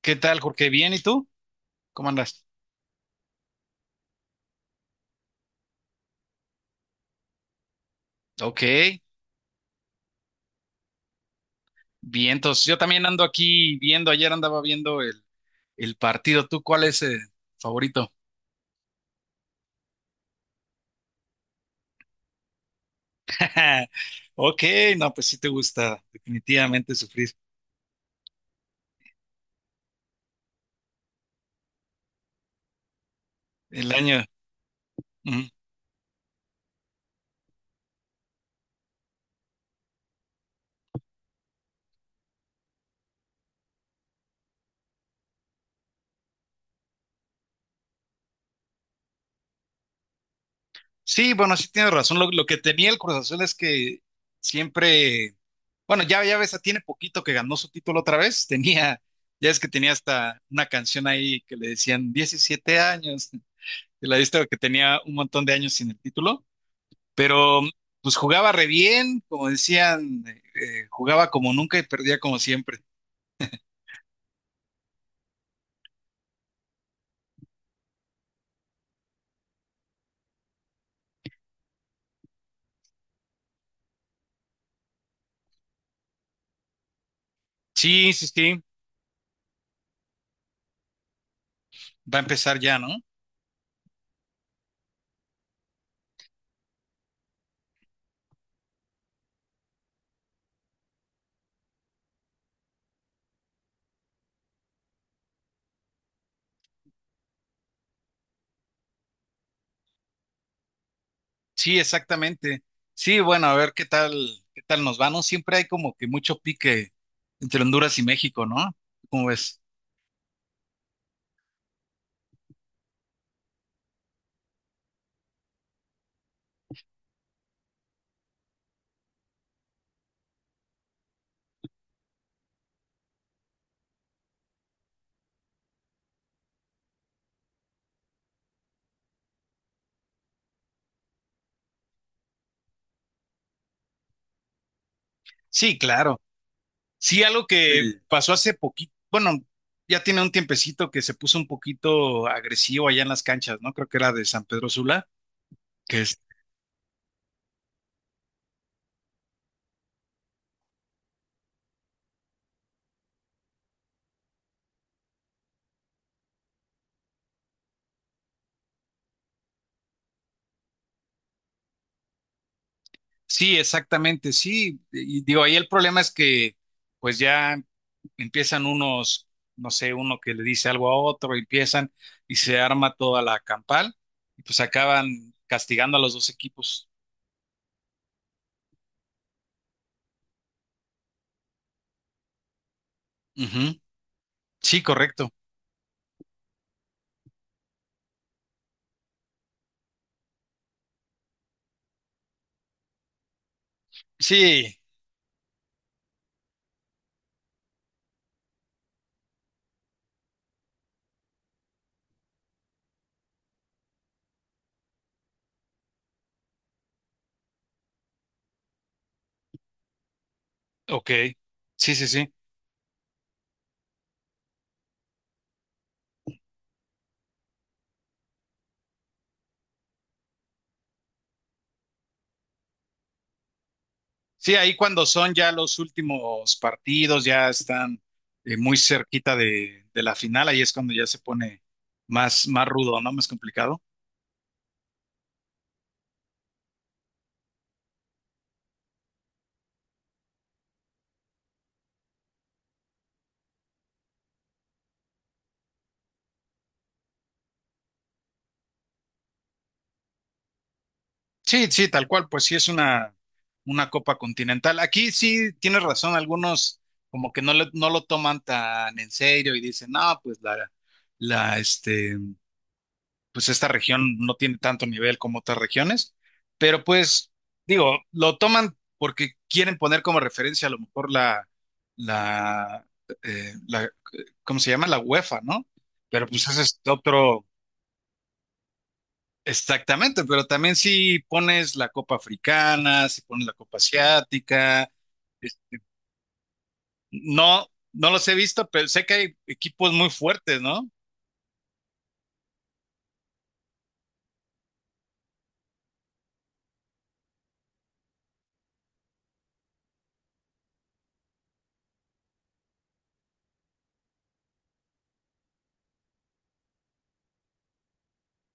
¿Qué tal, Jorge? ¿Bien? ¿Y tú? ¿Cómo andas? Ok, bien. Entonces, yo también ando aquí viendo, ayer andaba viendo el partido. ¿Tú cuál es el favorito? Ok, no, pues sí te gusta definitivamente sufrir el año. Ujú. Sí, bueno, sí tienes razón. Lo que tenía el Cruz Azul es que siempre, bueno, ya ves, tiene poquito que ganó su título otra vez. Tenía, ya es que tenía hasta una canción ahí que le decían 17 años. ¿Y la viste? Que tenía un montón de años sin el título. Pero pues jugaba re bien, como decían, jugaba como nunca y perdía como siempre. Sí, sí, sí, va a empezar ya, ¿no? Sí, exactamente. Sí, bueno, a ver qué tal nos va, ¿no? Siempre hay como que mucho pique entre Honduras y México, ¿no? ¿Cómo ves? Sí, claro. Sí, algo que sí pasó hace poquito, bueno, ya tiene un tiempecito que se puso un poquito agresivo allá en las canchas, ¿no? Creo que era de San Pedro Sula. Que sí, exactamente, sí. Y digo, ahí el problema es que pues ya empiezan unos, no sé, uno que le dice algo a otro, empiezan y se arma toda la campal y pues acaban castigando a los dos equipos. Ujú. Sí, correcto. Sí, ok. Sí, sí, sí. Sí, ahí cuando son ya los últimos partidos, ya están muy cerquita de la final, ahí es cuando ya se pone más, más rudo, ¿no? Más complicado. Sí, sí, tal cual, pues sí es una copa continental. Aquí sí tienes razón, algunos como que no, no lo toman tan en serio y dicen, no, pues la, este, pues esta región no tiene tanto nivel como otras regiones, pero pues digo, lo toman porque quieren poner como referencia a lo mejor la, la, la, ¿cómo se llama? La UEFA, ¿no? Pero pues ese es otro. Exactamente, pero también si pones la copa africana, si pones la copa asiática, es- no, no los he visto, pero sé que hay equipos muy fuertes, ¿no?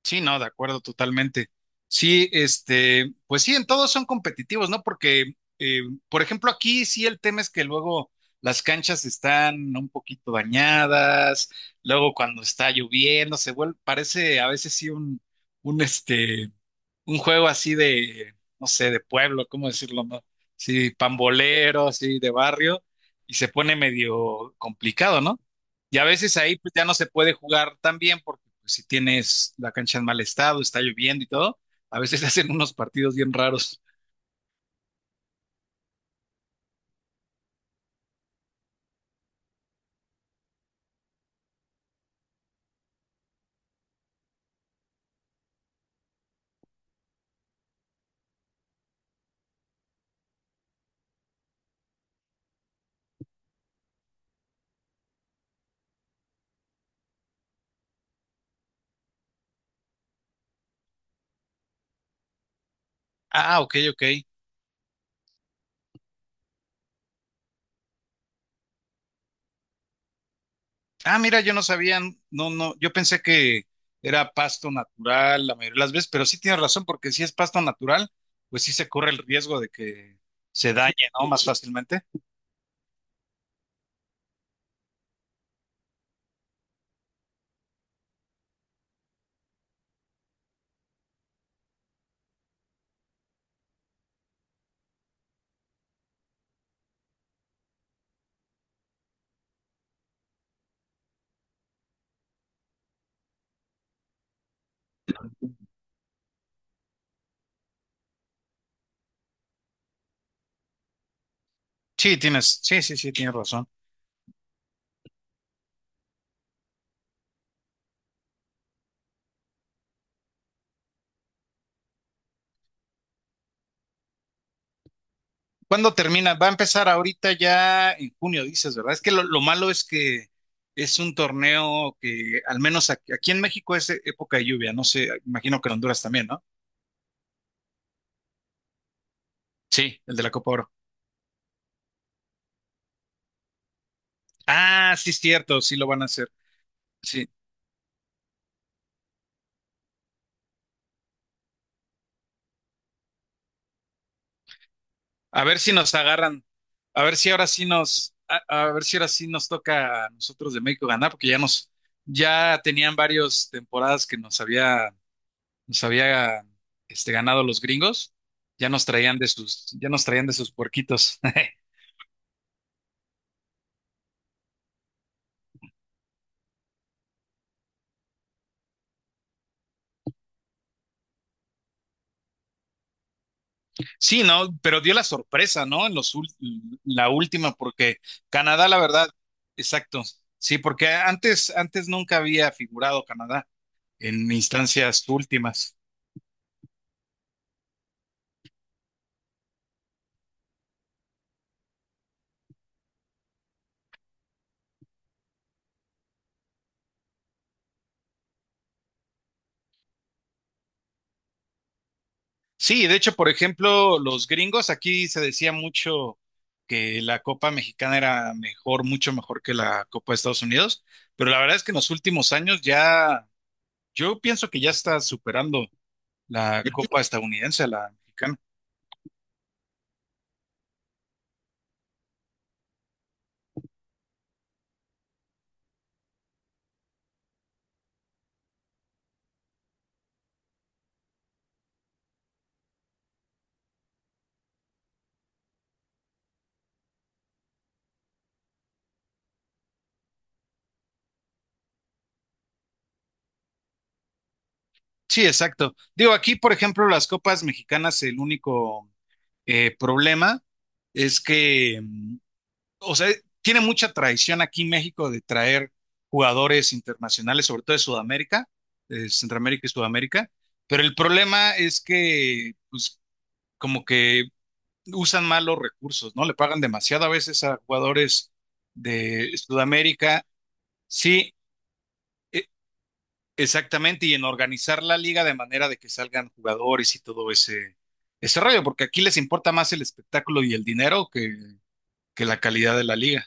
Sí, no, de acuerdo, totalmente. Sí, este, pues sí, en todos son competitivos, ¿no? Porque, eh, por ejemplo, aquí sí el tema es que luego las canchas están un poquito dañadas, luego cuando está lloviendo se vuelve, parece a veces sí un este un juego así de, no sé, de pueblo, ¿cómo decirlo? ¿No? Sí, pambolero, así de barrio, y se pone medio complicado, ¿no? Y a veces ahí pues, ya no se puede jugar tan bien porque pues, si tienes la cancha en mal estado, está lloviendo y todo, a veces hacen unos partidos bien raros. Ah, ok, ok. Ah, mira, yo no sabía, no, no, yo pensé que era pasto natural la mayoría de las veces, pero sí tienes razón porque si es pasto natural, pues sí se corre el riesgo de que se dañe, ¿no? Más fácilmente. Sí, tienes, sí, sí, sí, tienes razón. ¿Cuándo termina? Va a empezar ahorita ya en junio, dices, ¿verdad? Es que lo malo es que es un torneo que, al menos aquí, aquí en México, es época de lluvia. No sé, imagino que en Honduras también, ¿no? Sí, el de la Copa Oro. Ah, sí, es cierto, sí lo van a hacer. Sí. A ver si nos agarran. A ver si ahora sí nos, a ver si ahora sí nos toca a nosotros de México ganar, porque ya nos, ya tenían varias temporadas que nos había este, ganado los gringos, ya nos traían de sus, ya nos traían de sus puerquitos. Sí, no, pero dio la sorpresa, ¿no? En los la última, porque Canadá, la verdad, exacto. Sí, porque antes, antes nunca había figurado Canadá en instancias últimas. Sí, de hecho, por ejemplo, los gringos, aquí se decía mucho que la Copa Mexicana era mejor, mucho mejor que la Copa de Estados Unidos, pero la verdad es que en los últimos años ya yo pienso que ya está superando la copa estadounidense, a la mexicana. Sí, exacto. Digo, aquí, por ejemplo, las copas mexicanas, el único problema es que, o sea, tiene mucha tradición aquí México de traer jugadores internacionales, sobre todo de Sudamérica, de Centroamérica y Sudamérica, pero el problema es que, pues, como que usan mal los recursos, ¿no? Le pagan demasiado a veces a jugadores de Sudamérica. Sí. e- Exactamente, y en organizar la liga de manera de que salgan jugadores y todo ese rollo, porque aquí les importa más el espectáculo y el dinero que la calidad de la liga.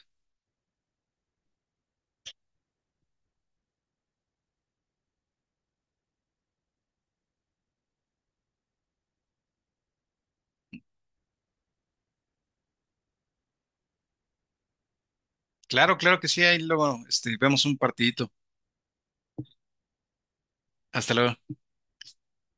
Claro, claro que sí, ahí luego este, vemos un partidito. Hasta luego.